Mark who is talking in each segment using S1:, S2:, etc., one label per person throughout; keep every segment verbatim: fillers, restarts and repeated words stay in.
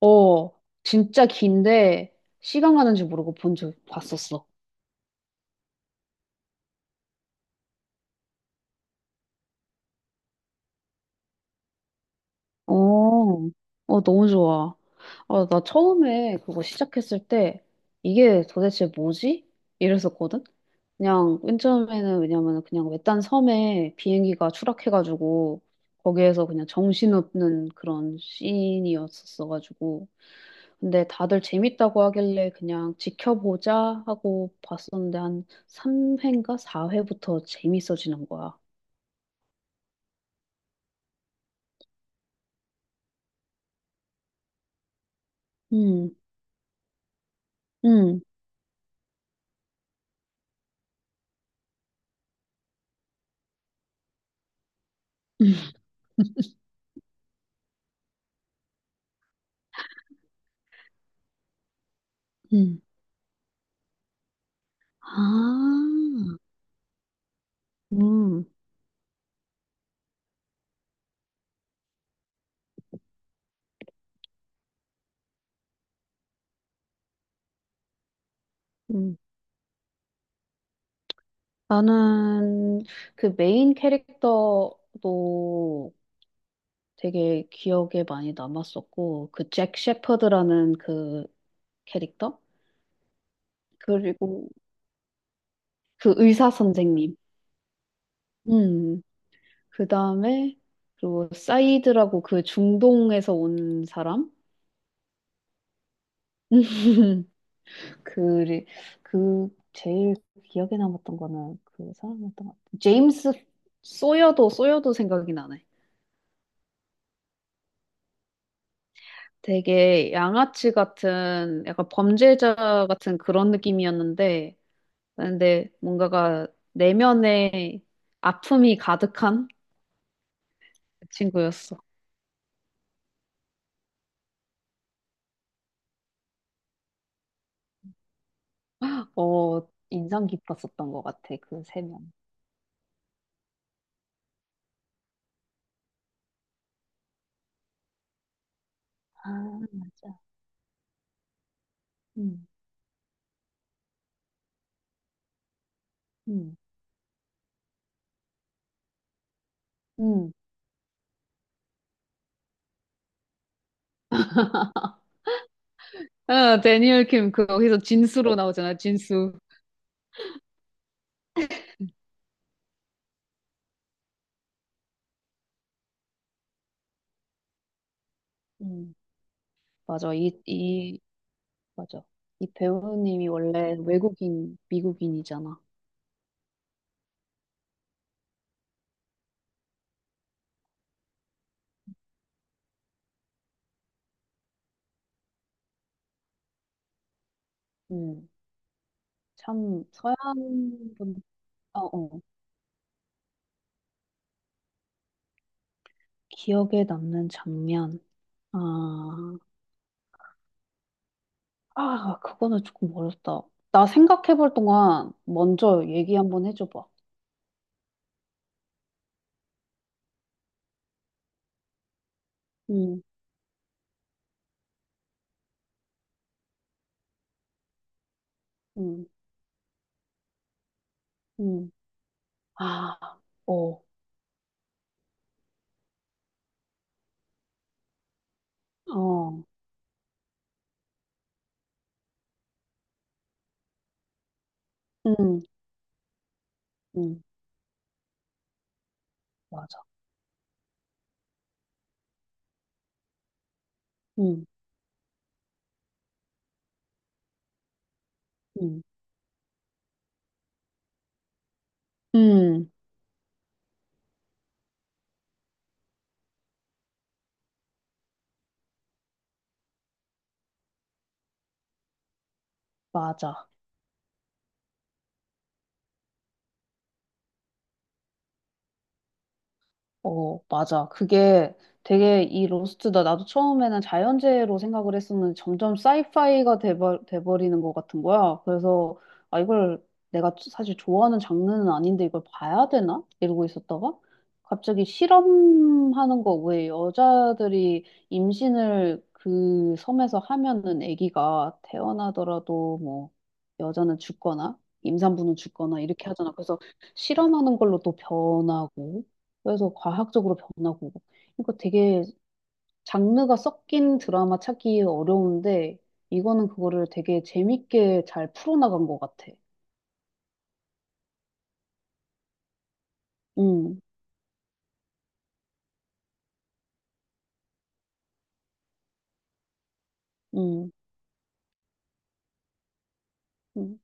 S1: 어, 진짜 긴데 시간 가는 줄 모르고 본 적 봤었어. 어, 어, 너무 좋아. 아, 나 처음에 그거 시작했을 때 이게 도대체 뭐지? 이랬었거든? 그냥 맨 처음에는, 왜냐면 그냥 외딴 섬에 비행기가 추락해가지고 거기에서 그냥 정신없는 그런 씬이었었어가지고. 근데 다들 재밌다고 하길래 그냥 지켜보자 하고 봤었는데 한 삼 회인가 사 회부터 재밌어지는 거야. 음, 음, 음, 음. 아, 음, 음. 나는 그 메인 캐릭터도 되게 기억에 많이 남았었고, 그 잭 셰퍼드라는 그 캐릭터? 그리고 그 의사 선생님. 음, 그 다음에. 그리고 사이드라고, 그 중동에서 온 사람? 그, 그 제일 기억에 남았던 거는 그 사람이었던 것 같아. 제임스 소여도 소여도 생각이 나네. 되게 양아치 같은, 약간 범죄자 같은 그런 느낌이었는데, 근데 뭔가가 내면에 아픔이 가득한 친구였어. 어, 인상 깊었었던 것 같아, 그 세 명. 아, 맞아. 음, 음. 음, 아, 데니얼 킴, 그, 거기서 진수로 나오잖아, 진수. 음, 맞아. 이, 이, 맞아. 이 배우님이 원래 외국인, 미국인이잖아. 음, 참, 서양 분, 어, 어. 기억에 남는 장면. 아, 아, 그거는 조금 어렵다. 나 생각해 볼 동안 먼저 얘기 한번 해줘봐. 음, 음, 음. 아, 어, 어, 음, 음, 맞아. 음, 음, 음. 맞아. 어, 맞아. 그게 되게 이 로스트다. 나도 처음에는 자연재해로 생각을 했었는데 점점 사이파이가 돼버, 돼버리는 것 같은 거야. 그래서, 아, 이걸 내가 사실 좋아하는 장르는 아닌데 이걸 봐야 되나? 이러고 있었다가 갑자기 실험하는 거, 왜 여자들이 임신을 그 섬에서 하면은 아기가 태어나더라도 뭐 여자는 죽거나 임산부는 죽거나 이렇게 하잖아. 그래서 실험하는 걸로 또 변하고, 그래서 과학적으로 변하고. 그러니까 되게 장르가 섞인 드라마 찾기 어려운데, 이거는 그거를 되게 재밌게 잘 풀어나간 것 같아. 음, 음, 음.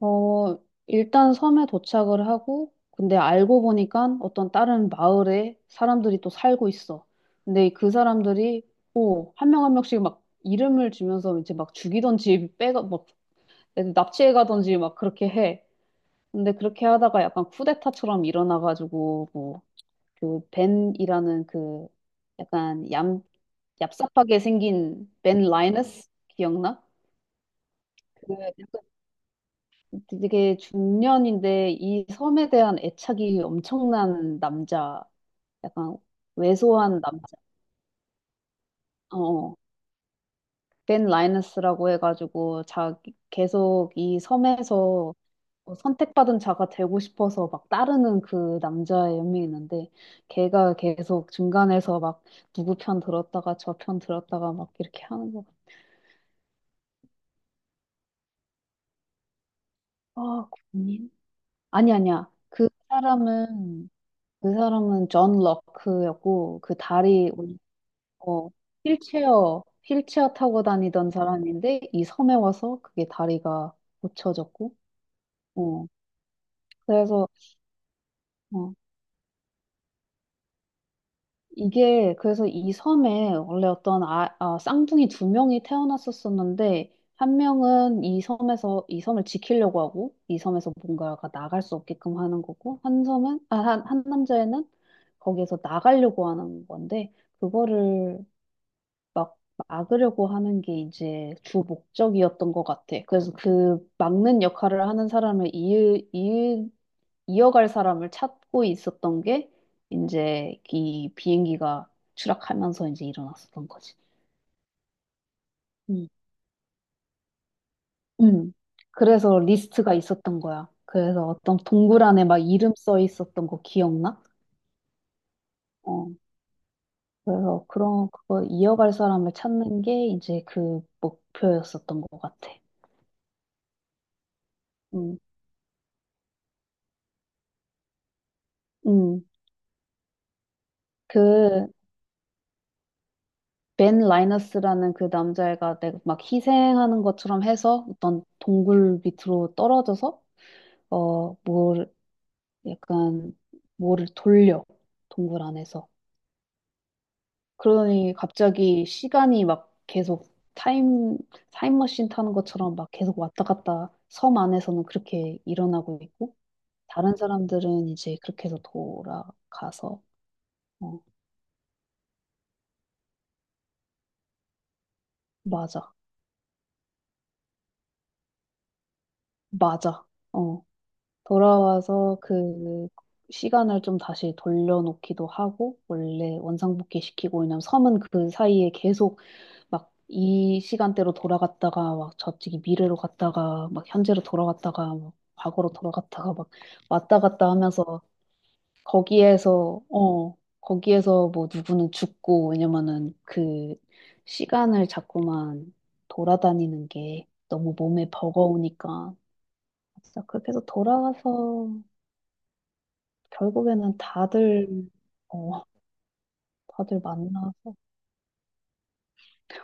S1: 어, 일단 섬에 도착을 하고, 근데 알고 보니까 어떤 다른 마을에 사람들이 또 살고 있어. 근데 그 사람들이 한 명 한 명씩 막 이름을 주면서 이제 막 죽이던지 빼가, 막 납치해 가던지 막 그렇게 해. 근데 그렇게 하다가 약간 쿠데타처럼 일어나가지고, 뭐 그 벤이라는, 그 약간 얌 얍삽하게 생긴 벤 라이너스 기억나? 그 약간 되게 중년인데 이 섬에 대한 애착이 엄청난 남자, 약간 왜소한 남자. 어, 어. 벤 라이너스라고 해가지고 자기 계속 이 섬에서 어, 선택받은 자가 되고 싶어서 막 따르는 그 남자의 연민이 있는데, 걔가 계속 중간에서 막 누구 편 들었다가 저 편 들었다가 막 이렇게 하는 거. 아, 고민? 아니, 아니야. 그 사람은 그 사람은 존 럭크였고. 그 다리 올- 어 휠체어 휠체어 타고 다니던 사람인데, 이 섬에 와서 그게 다리가 고쳐졌고. 어 그래서. 어, 이게 그래서 이 섬에 원래 어떤, 아, 아, 쌍둥이 두 명이 태어났었었는데, 한 명은 이 섬에서 이 섬을 지키려고 하고, 이 섬에서 뭔가가 나갈 수 없게끔 하는 거고, 한 섬은 아, 한, 한 남자애는 거기에서 나가려고 하는 건데 그거를 막 막으려고 하는 게 이제 주 목적이었던 것 같아. 그래서 그 막는 역할을 하는 사람을, 이을 이어갈 사람을 찾고 있었던 게 이제 이 비행기가 추락하면서 이제 일어났었던 거지. 음. 음. 그래서 리스트가 있었던 거야. 그래서 어떤 동굴 안에 막 이름 써 있었던 거 기억나? 어. 그래서 그런 그거 이어갈 사람을 찾는 게 이제 그 목표였었던 것 같아. 음. 음. 그 벤 라이너스라는 그 남자애가 내가 막 희생하는 것처럼 해서 어떤 동굴 밑으로 떨어져서, 어, 뭘 약간 뭐를 돌려 동굴 안에서. 그러니 갑자기 시간이 막 계속 타임 타임머신 타는 것처럼 막 계속 왔다 갔다 섬 안에서는 그렇게 일어나고 있고, 다른 사람들은 이제 그렇게 해서 돌아가서. 어, 맞아, 맞아. 어, 돌아와서 그 시간을 좀 다시 돌려놓기도 하고 원래 원상복귀 시키고. 왜냐면 섬은 그 사이에 계속 막 이 시간대로 돌아갔다가 막 저쪽이 미래로 갔다가 막 현재로 돌아갔다가 막 과거로 돌아갔다가 막 왔다 갔다 하면서, 거기에서 어 거기에서 뭐 누구는 죽고. 왜냐면은 그 시간을 자꾸만 돌아다니는 게 너무 몸에 버거우니까. 진짜 그렇게 해서 돌아가서 결국에는 다들 어 다들 만나서.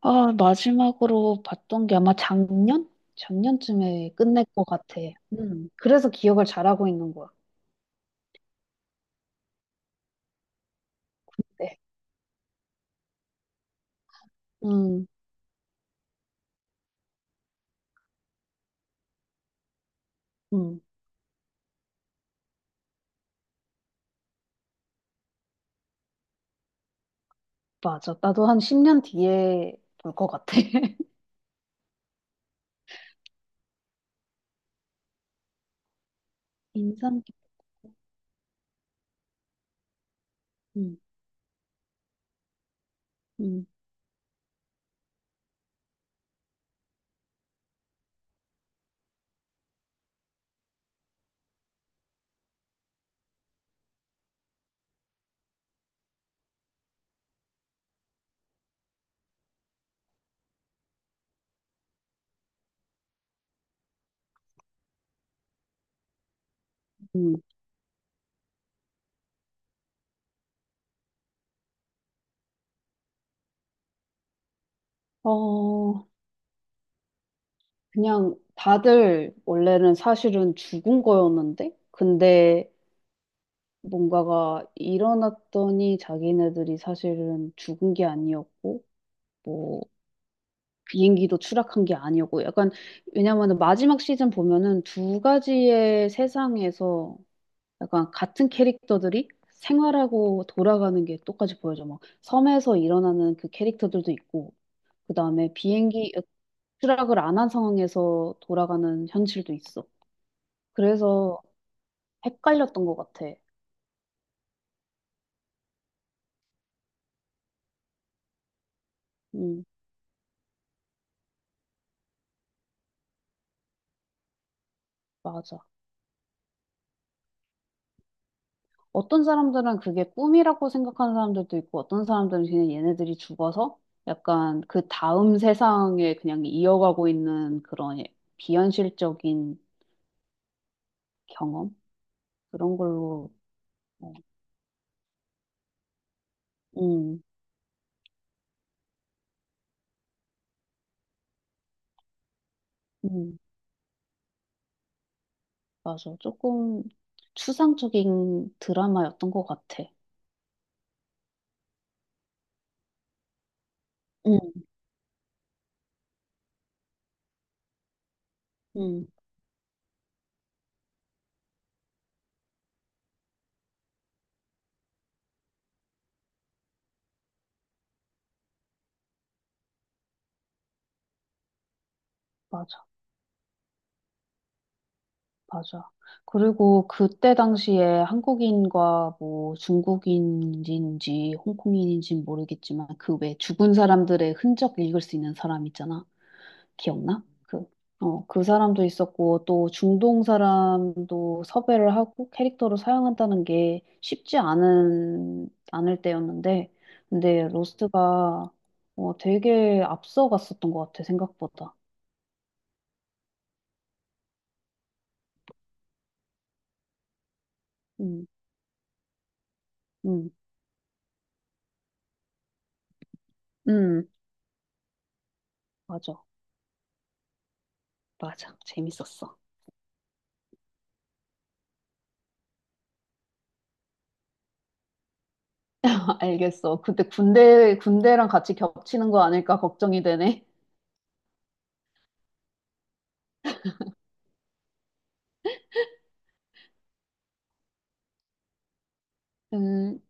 S1: 아, 마지막으로 봤던 게 아마 작년? 작년쯤에 끝낼 것 같아. 음, 그래서 기억을 잘하고 있는 거야. 네. 음, 음, 맞아. 나도 한 십 년 뒤에 볼 것 같아. 인상 깊고. 음, 음, 음. 어, 그냥 다들 원래는 사실은 죽은 거였는데, 근데 뭔가가 일어났더니 자기네들이 사실은 죽은 게 아니었고, 뭐, 비행기도 추락한 게 아니었고 약간. 왜냐면은 마지막 시즌 보면은 두 가지의 세상에서 약간 같은 캐릭터들이 생활하고 돌아가는 게 똑같이 보여져. 막 섬에서 일어나는 그 캐릭터들도 있고, 그다음에 비행기 어, 추락을 안 한 상황에서 돌아가는 현실도 있어. 그래서 헷갈렸던 것 같아. 음, 맞아. 어떤 사람들은 그게 꿈이라고 생각하는 사람들도 있고, 어떤 사람들은 그냥 얘네들이 죽어서 약간 그 다음 세상에 그냥 이어가고 있는 그런 예- 비현실적인 경험? 그런 걸로, 어. 음, 음, 맞아. 조금 추상적인 드라마였던 것 같아. 음, 음, 맞아. 맞아. 그리고 그때 당시에 한국인과, 뭐 중국인인지 홍콩인인지 모르겠지만, 그 왜 죽은 사람들의 흔적 읽을 수 있는 사람 있잖아. 기억나? 그, 어, 그 사람도 있었고, 또 중동 사람도 섭외를 하고 캐릭터로 사용한다는 게 쉽지 않은, 않을 때였는데, 근데 로스트가 어, 되게 앞서갔었던 것 같아, 생각보다. 음, 음, 음, 맞아. 맞아. 재밌었어. 알겠어. 근데 군대, 군대랑 같이 겹치는 거 아닐까 걱정이 되네. 음,